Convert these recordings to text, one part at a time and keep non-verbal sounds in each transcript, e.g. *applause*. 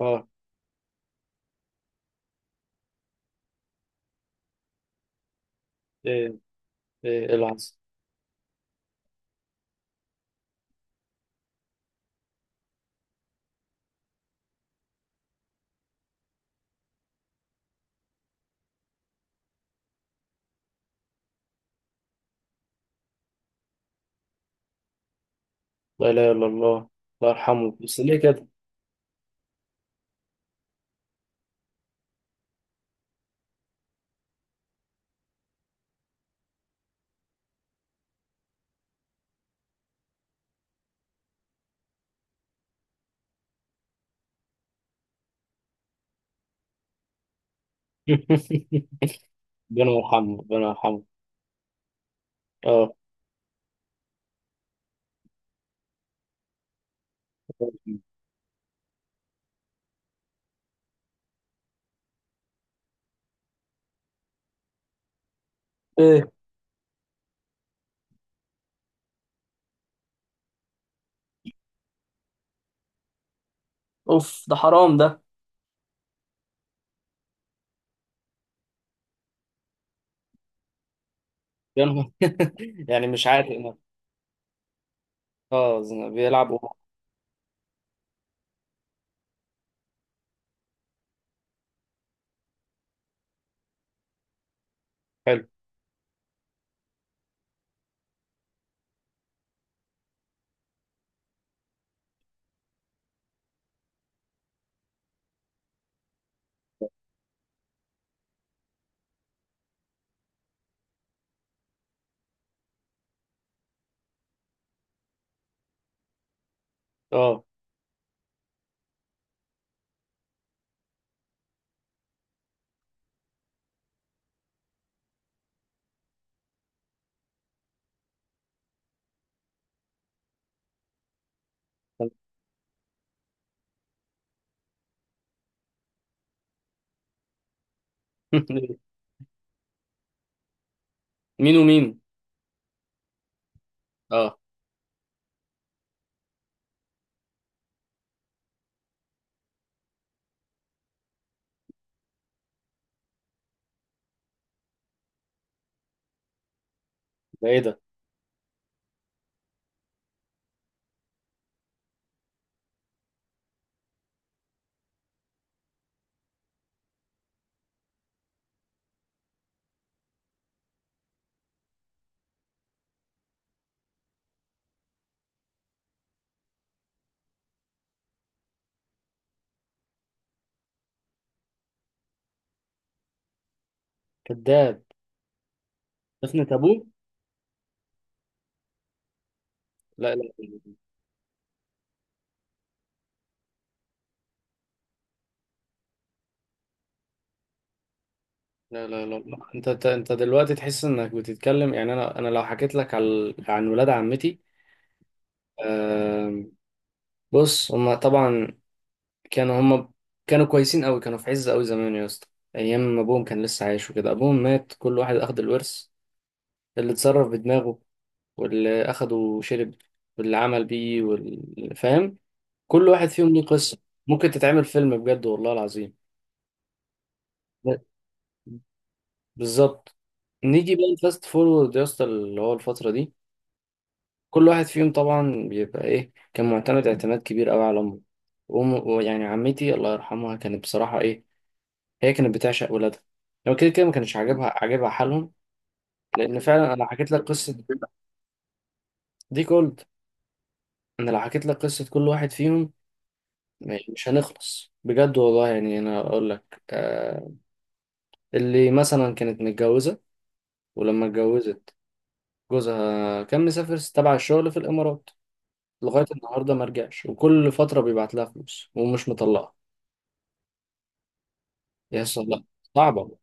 اه. ايه ايه العظ لا اله الا الله. الله يرحمه، بس ليه كده؟ *laughs* ربنا يرحمه، ربنا يرحمه. اه. ايه. اوف، ده حرام ده. ربنا- *laughs* يعني مش عارف. اه، بيلعب وهو. حلو. اه. *laughs* مين ومين؟ اه. ده ايه ده؟ كذاب. دفنة ابوه. لا لا. لا لا لا لا. انت دلوقتي تحس انك بتتكلم، يعني انا لو حكيت لك على عن ولاد عمتي. آم، بص، هما طبعا كانوا هم كانوا كويسين قوي، كانوا في عز قوي زمان يا اسطى. ايام ما ابوهم كان لسه عايش وكده. ابوهم مات، كل واحد اخد الورث. اللي اتصرف بدماغه، واللي اخده شرب، واللي عمل بيه، واللي فاهم. كل واحد فيهم ليه قصة. ممكن تتعمل فيلم، بجد والله العظيم. ب- بالظبط. نيجي بقى الفاست فورورد يا اسطى، اللي هو الفترة دي. كل واحد فيهم طبعا بيبقى ايه، كان معتمد اعتماد كبير قوي على امه. ويعني عمتي الله يرحمها، كانت بصراحة ايه، هي كانت بتعشق ولادها. لو كده كده ما كانش عاجبها حالهم. لان فعلا انا حكيت لك قصه دي كولد. انا لو حكيت لك قصه كل واحد فيهم، مش هنخلص، بجد والله. يعني انا اقول لك، آه، اللي مثلا كانت متجوزه، ولما اتجوزت، جوزها كان مسافر تبع الشغل في الامارات، لغايه النهارده ما رجعش، وكل فتره بيبعت لها فلوس ومش مطلقها. يا اسطى لا. صعبه،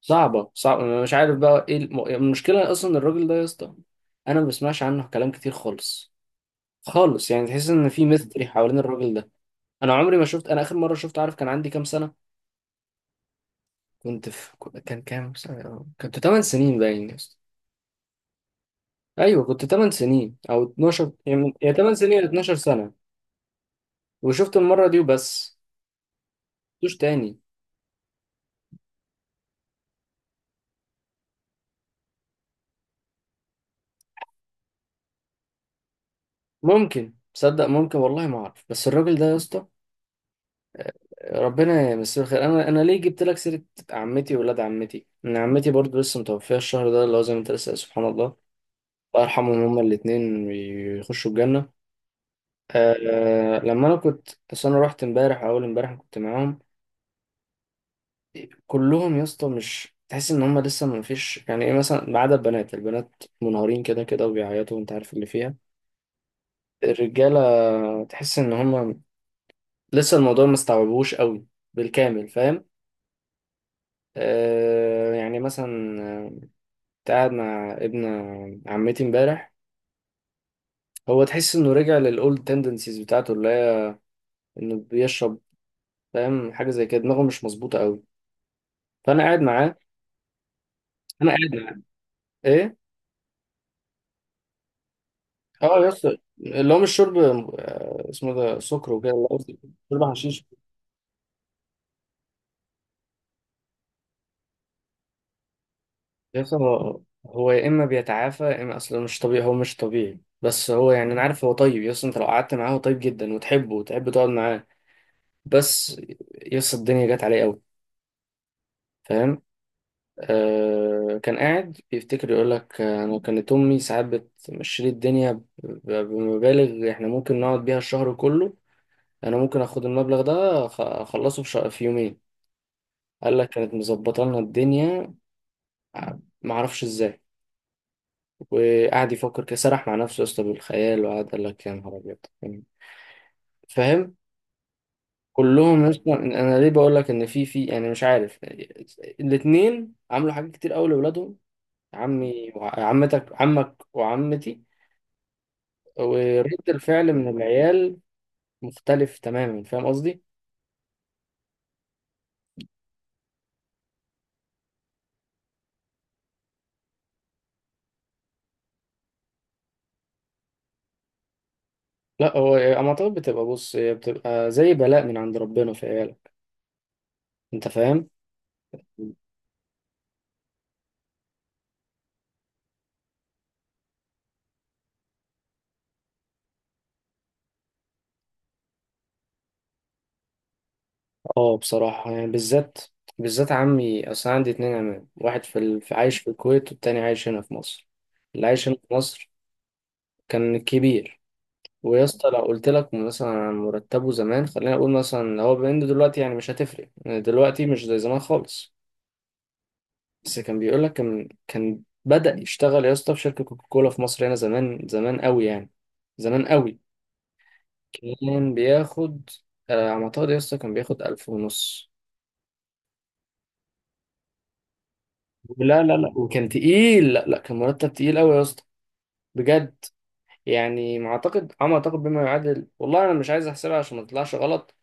صعبه صعبه. أنا مش عارف بقى ايه المشكله اصلا. الراجل ده يا اسطى انا ما بسمعش عنه كلام كتير خالص، خالص. يعني تحس ان في ميستري حوالين الراجل ده. انا عمري ما شفت. انا اخر مره شفت، عارف كان عندي كام سنه؟ كنت في كان كام سنه؟ كنت 8 سنين باين يا اسطى. ايوه، كنت 8 سنين او 12، يعني يا 8 سنين يا 12 سنه. وشفت المره دي وبس، مش تاني. ممكن تصدق؟ ممكن، والله ما اعرف. بس الراجل ده يا اسطى، ربنا يمسيه الخير. انا ليه جبت لك سيره عمتي وولاد عمتي؟ ان عمتي برضو لسه متوفيه الشهر ده، اللي هو زي ما انت لسه قايل، سبحان الله. الله يرحمهم هما الاثنين، يخشوا الجنه. آه، لما انا كنت، بس انا رحت امبارح اول امبارح، كنت معاهم كلهم يا اسطى. مش تحس ان هم لسه ما فيش يعني ايه مثلا. ما عدا البنات، البنات منهارين كده كده وبيعيطوا وانت عارف اللي فيها. الرجاله تحس ان هم لسه الموضوع ما استوعبوش قوي بالكامل، فاهم. آه يعني مثلا آه، كنت قاعد مع ابن عمتي امبارح. هو تحس انه رجع للاولد تندنسيز بتاعته، اللي هي انه بيشرب، فاهم. حاجه زي كده دماغه مش مظبوطه قوي. فانا قاعد معاه انا قاعد معاه، ايه. اه يس. اللي هو مش شرب آه، اسمه ده، سكر وكده، اللي هو قصدي شرب حشيش. يس، هو، هو يا اما بيتعافى يا اما اصلا مش طبيعي. هو مش طبيعي، بس هو، يعني انا عارف هو طيب. يس، انت لو قعدت معاه هو طيب جدا، وتحبه وتحب تقعد معاه. بس يس، الدنيا جت عليه قوي، فاهم. آه، كان قاعد بيفتكر، يقول لك، آه، انا كانت امي ساعات بتمشي لي الدنيا بمبالغ احنا ممكن نقعد بيها الشهر كله. انا ممكن اخد المبلغ ده، اخلصه في في يومين. قال لك كانت مظبطه لنا الدنيا، ما اعرفش ازاي. وقعد يفكر كده، سرح مع نفسه يا اسطى بالخيال، وقعد قال لك يا نهار ابيض، يعني، فاهم. كلهم اصلا، انا ليه بقول لك ان في يعني مش عارف. الاثنين عملوا حاجات كتير قوي لاولادهم. عمي وعمتك، عمك وعمتي. ورد الفعل من العيال مختلف تماما، فاهم قصدي. لا، هو اما طب بتبقى، بص، هي بتبقى زي بلاء من عند ربنا في عيالك، انت فاهم. اه بصراحة يعني، بالذات، بالذات عمي. أصل أنا عندي اتنين عمام، في عايش في الكويت، والتاني عايش هنا في مصر. اللي عايش هنا في مصر كان كبير. ويا اسطى لو قلت لك مثلا عن مرتبه زمان، خلينا نقول مثلا لو هو بيند دلوقتي، يعني مش هتفرق يعني، دلوقتي مش زي زمان خالص. بس كان بيقول لك، كان بدأ يشتغل يا اسطى في شركة كوكاكولا في مصر هنا زمان، زمان قوي يعني، زمان قوي. كان بياخد آه، على ما أعتقد يا اسطى، كان بياخد ألف ونص. لا لا لا، وكان تقيل، لا لا كان مرتب تقيل قوي يا اسطى، بجد. يعني ما اعتقد، عم، اعتقد بما يعادل، والله انا مش عايز احسبها عشان ما تطلعش غلط،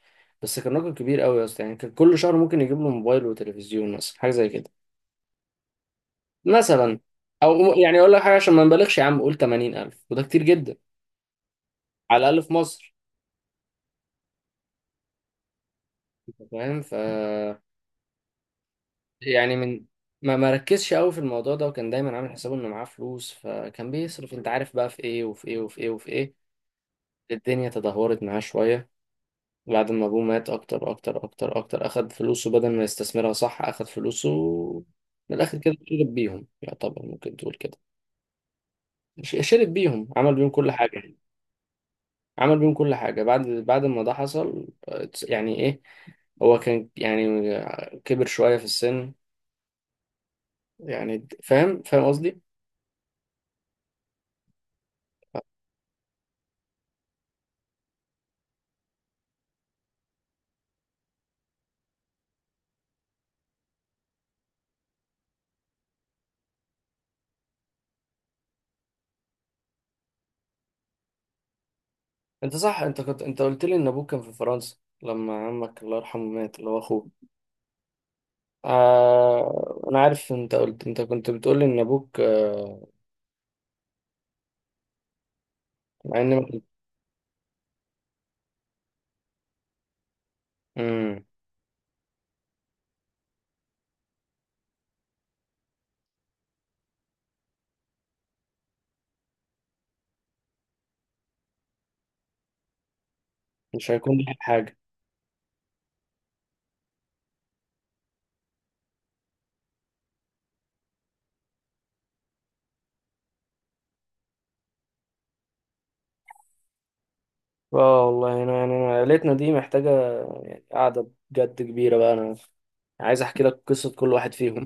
بس كان رقم كبير قوي يا اسطى. يعني كان كل شهر ممكن يجيب له موبايل وتلفزيون، مثلا حاجه زي كده، مثلا. او يعني اقول لك حاجه، عشان ما نبالغش يا عم، قول 80000 وده كتير جدا، على الاقل في مصر. فاهم. ف، يعني من، ما مركزش قوي في الموضوع ده، وكان دايما عامل حسابه انه معاه فلوس، فكان بيصرف، انت عارف بقى، في ايه وفي ايه وفي ايه وفي ايه. الدنيا تدهورت معاه شويه بعد ما ابوه مات، اكتر اكتر اكتر اكتر. اخد فلوسه بدل ما يستثمرها صح، اخد فلوسه من الاخر كده شرب بيهم، يعتبر ممكن تقول كده. شرب بيهم، عمل بيهم كل حاجة، عمل بيهم كل حاجة. بعد ما ده حصل، يعني ايه، هو كان يعني، كبر شوية في السن، يعني فاهم، فاهم قصدي. انت صح، انت كنت، انت قلت لي ان ابوك كان في فرنسا لما عمك الله يرحمه مات، اللي هو اخوه. آه... انا عارف، انت قلت، انت كنت بتقول لي ان ابوك آه... مع ان. امم. مش هيكون لها حاجة. اه والله انا يعني، انا عيلتنا دي محتاجة يعني قعدة بجد كبيرة بقى، انا عايز احكي لك قصة كل واحد فيهم.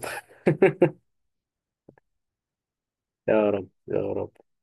*laughs* يا رب يا رب.